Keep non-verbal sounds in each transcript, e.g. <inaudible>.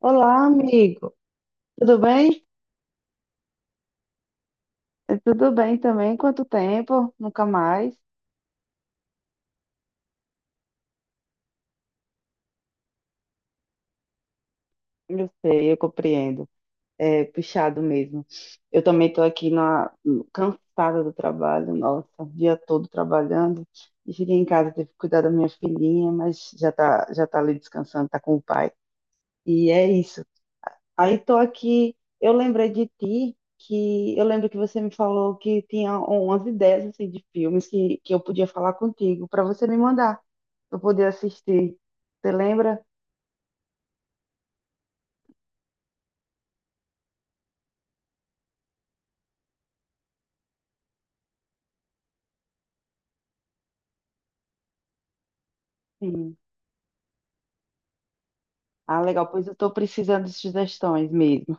Olá, amigo. Tudo bem? Tudo bem também. Quanto tempo? Nunca mais. Eu sei, eu compreendo. É puxado mesmo. Eu também estou aqui, na, cansada do trabalho, nossa, o dia todo trabalhando. E cheguei em casa, tive que cuidar da minha filhinha, mas já tá ali descansando, está com o pai. E é isso. Aí tô aqui, eu lembrei de ti, que eu lembro que você me falou que tinha umas ideias assim, de filmes que eu podia falar contigo, para você me mandar, para eu poder assistir. Você lembra? Sim. Ah, legal, pois eu estou precisando de sugestões mesmo.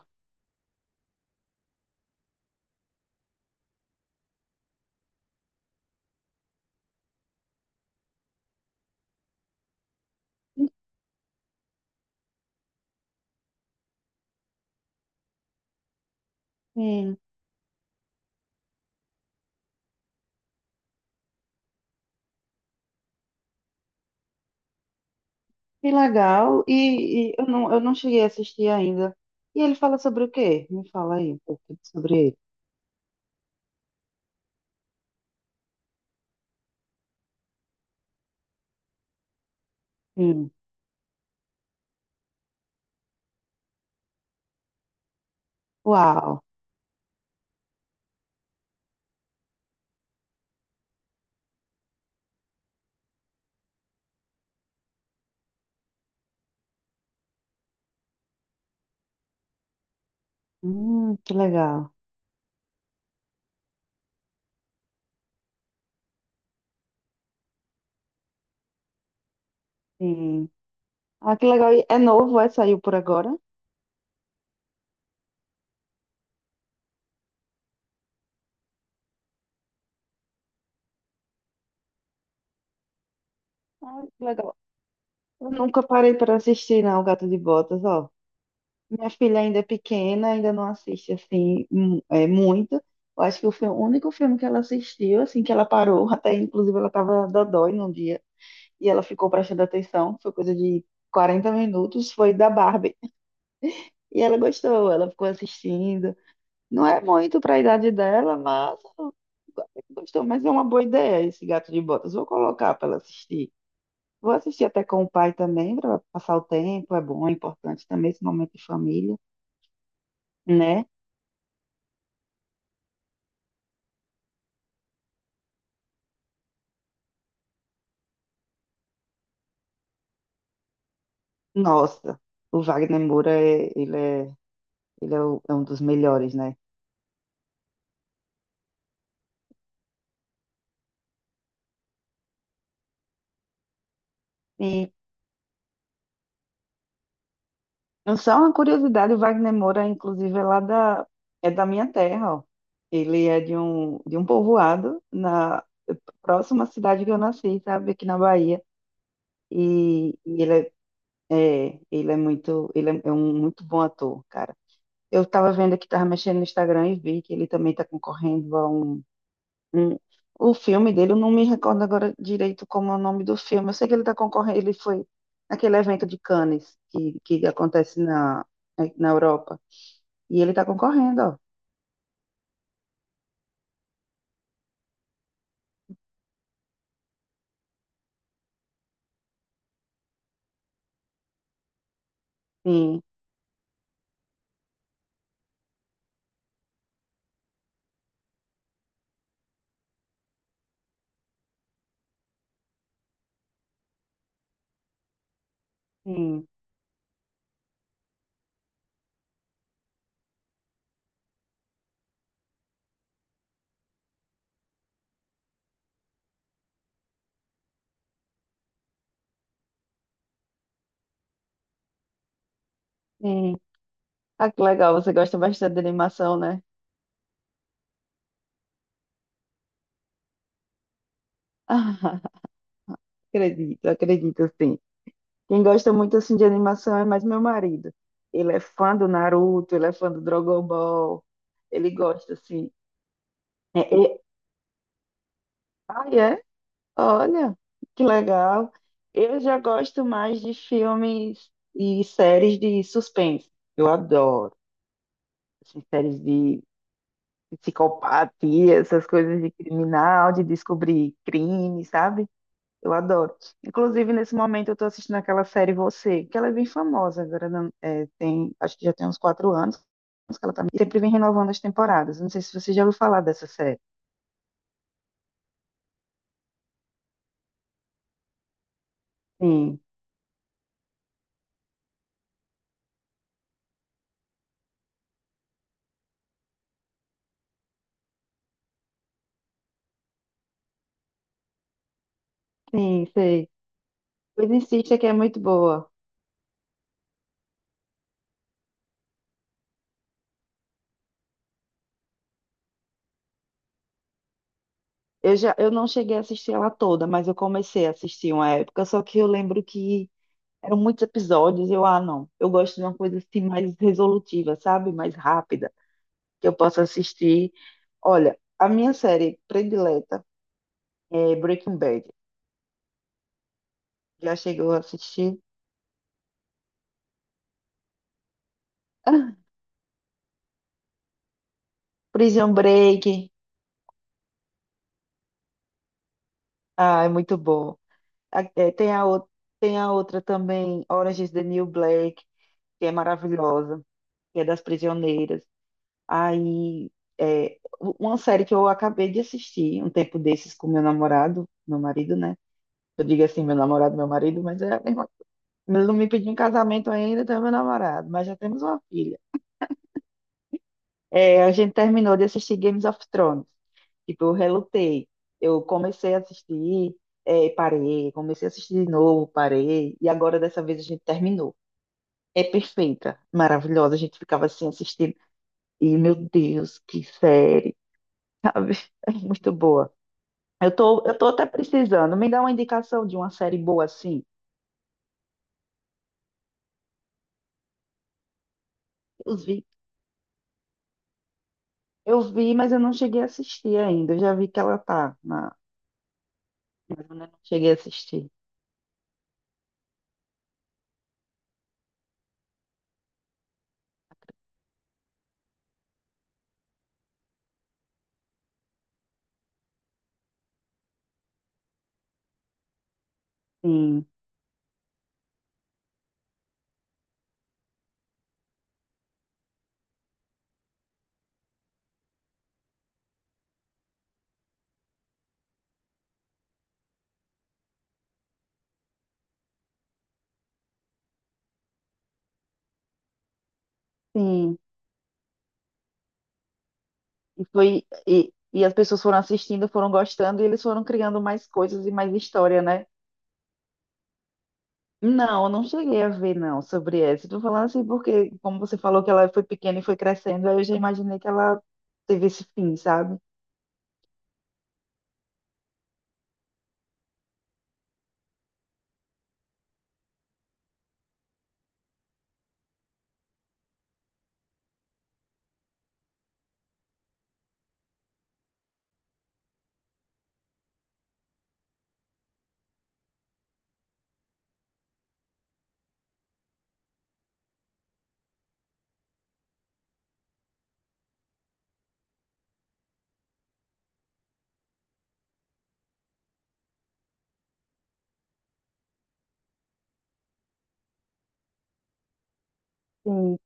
Sim, que legal. E eu não cheguei a assistir ainda. E ele fala sobre o quê? Me fala aí um pouco sobre ele. Sim. Uau. Que legal. Sim. Ah, que legal. E é novo, é? Saiu por agora? Ah, que legal. Eu nunca parei para assistir, não, Gato de Botas, ó. Minha filha ainda é pequena, ainda não assiste, assim, muito. Eu acho que o único filme que ela assistiu, assim, que ela parou, <laughs> até inclusive ela tava dodói num dia, e ela ficou prestando atenção, foi coisa de 40 minutos, foi da Barbie. E ela gostou, ela ficou assistindo. Não é muito para a idade dela, mas ela gostou, mas é uma boa ideia esse Gato de Botas. Vou colocar para ela assistir. Vou assistir até com o pai também, para passar o tempo, é bom, é importante também esse momento de família, né? Nossa, o Wagner Moura, ele é, é um dos melhores, né? E só uma curiosidade, o Wagner Moura, inclusive, é lá é da minha terra, ó. Ele é de um povoado na próxima cidade que eu nasci, sabe? Aqui na Bahia. E ele ele é muito, ele é é um muito bom ator, cara. Eu estava vendo aqui, tava mexendo no Instagram e vi que ele também tá concorrendo um- o filme dele. Eu não me recordo agora direito como é o nome do filme. Eu sei que ele tá concorrendo, ele foi naquele evento de Cannes que acontece na, é, na Europa. E ele tá concorrendo, ó. Sim, sim, sim. Ah, que legal, você gosta bastante de animação, né? <laughs> Ah, acredito, sim. Quem gosta muito, assim, de animação é mais meu marido. Ele é fã do Naruto, ele é fã do Dragon Ball. Ele gosta, assim. É, é- ah, é? Olha, que legal. Eu já gosto mais de filmes e séries de suspense. Eu adoro. Assim, séries de psicopatia, essas coisas de criminal, de descobrir crime, sabe? Eu adoro. Inclusive, nesse momento, eu estou assistindo aquela série Você, que ela é bem famosa agora. Tem, acho que já tem uns 4 anos que ela tá, sempre vem renovando as temporadas. Não sei se você já ouviu falar dessa série. Sim, sim, sei. Pois insista que é muito boa. Eu não cheguei a assistir ela toda, mas eu comecei a assistir uma época, só que eu lembro que eram muitos episódios ah, não, eu gosto de uma coisa assim mais resolutiva, sabe? Mais rápida, que eu possa assistir. Olha, a minha série predileta é Breaking Bad. Já chegou a assistir? <laughs> Prison Break. Ah, é muito bom. Tem tem a outra também, Orange is the New Black, que é maravilhosa, que é das prisioneiras. Aí, é, uma série que eu acabei de assistir um tempo desses com meu namorado, meu marido, né? Eu digo assim, meu namorado, meu marido, mas é a mesma. Ele não me pediu em casamento ainda, então é meu namorado, mas já temos uma filha. É, a gente terminou de assistir Games of Thrones. Tipo, eu relutei. Eu comecei a assistir, é, parei, comecei a assistir de novo, parei, e agora dessa vez a gente terminou. É perfeita, maravilhosa. A gente ficava assim assistindo, e meu Deus, que série, sabe? <laughs> É muito boa. Eu tô até precisando. Me dá uma indicação de uma série boa assim. Eu vi, eu vi, mas eu não cheguei a assistir ainda. Eu já vi que ela tá na, mas eu não cheguei a assistir. Sim, sim. E e as pessoas foram assistindo, foram gostando e eles foram criando mais coisas e mais história, né? Não, eu não cheguei a ver não sobre essa. Tô falando assim porque como você falou que ela foi pequena e foi crescendo, aí eu já imaginei que ela teve esse fim, sabe? Sim.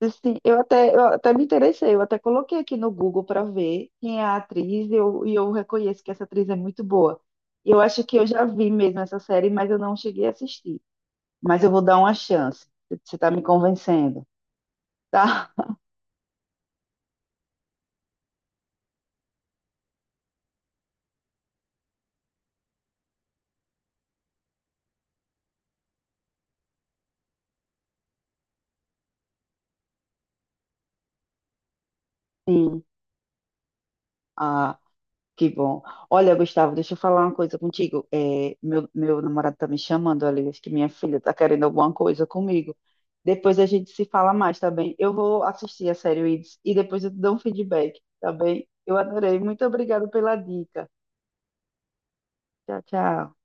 Assim, eu até me interessei, eu até coloquei aqui no Google para ver quem é a atriz e eu reconheço que essa atriz é muito boa. Eu acho que eu já vi mesmo essa série, mas eu não cheguei a assistir. Mas eu vou dar uma chance. Você está me convencendo, tá? <laughs> Sim. Que bom. Olha, Gustavo, deixa eu falar uma coisa contigo. É, meu namorado tá me chamando ali, acho que minha filha tá querendo alguma coisa comigo. Depois a gente se fala mais, tá bem? Eu vou assistir a série Weeds e depois eu te dou um feedback, tá bem? Eu adorei. Muito obrigada pela dica. Tchau, tchau.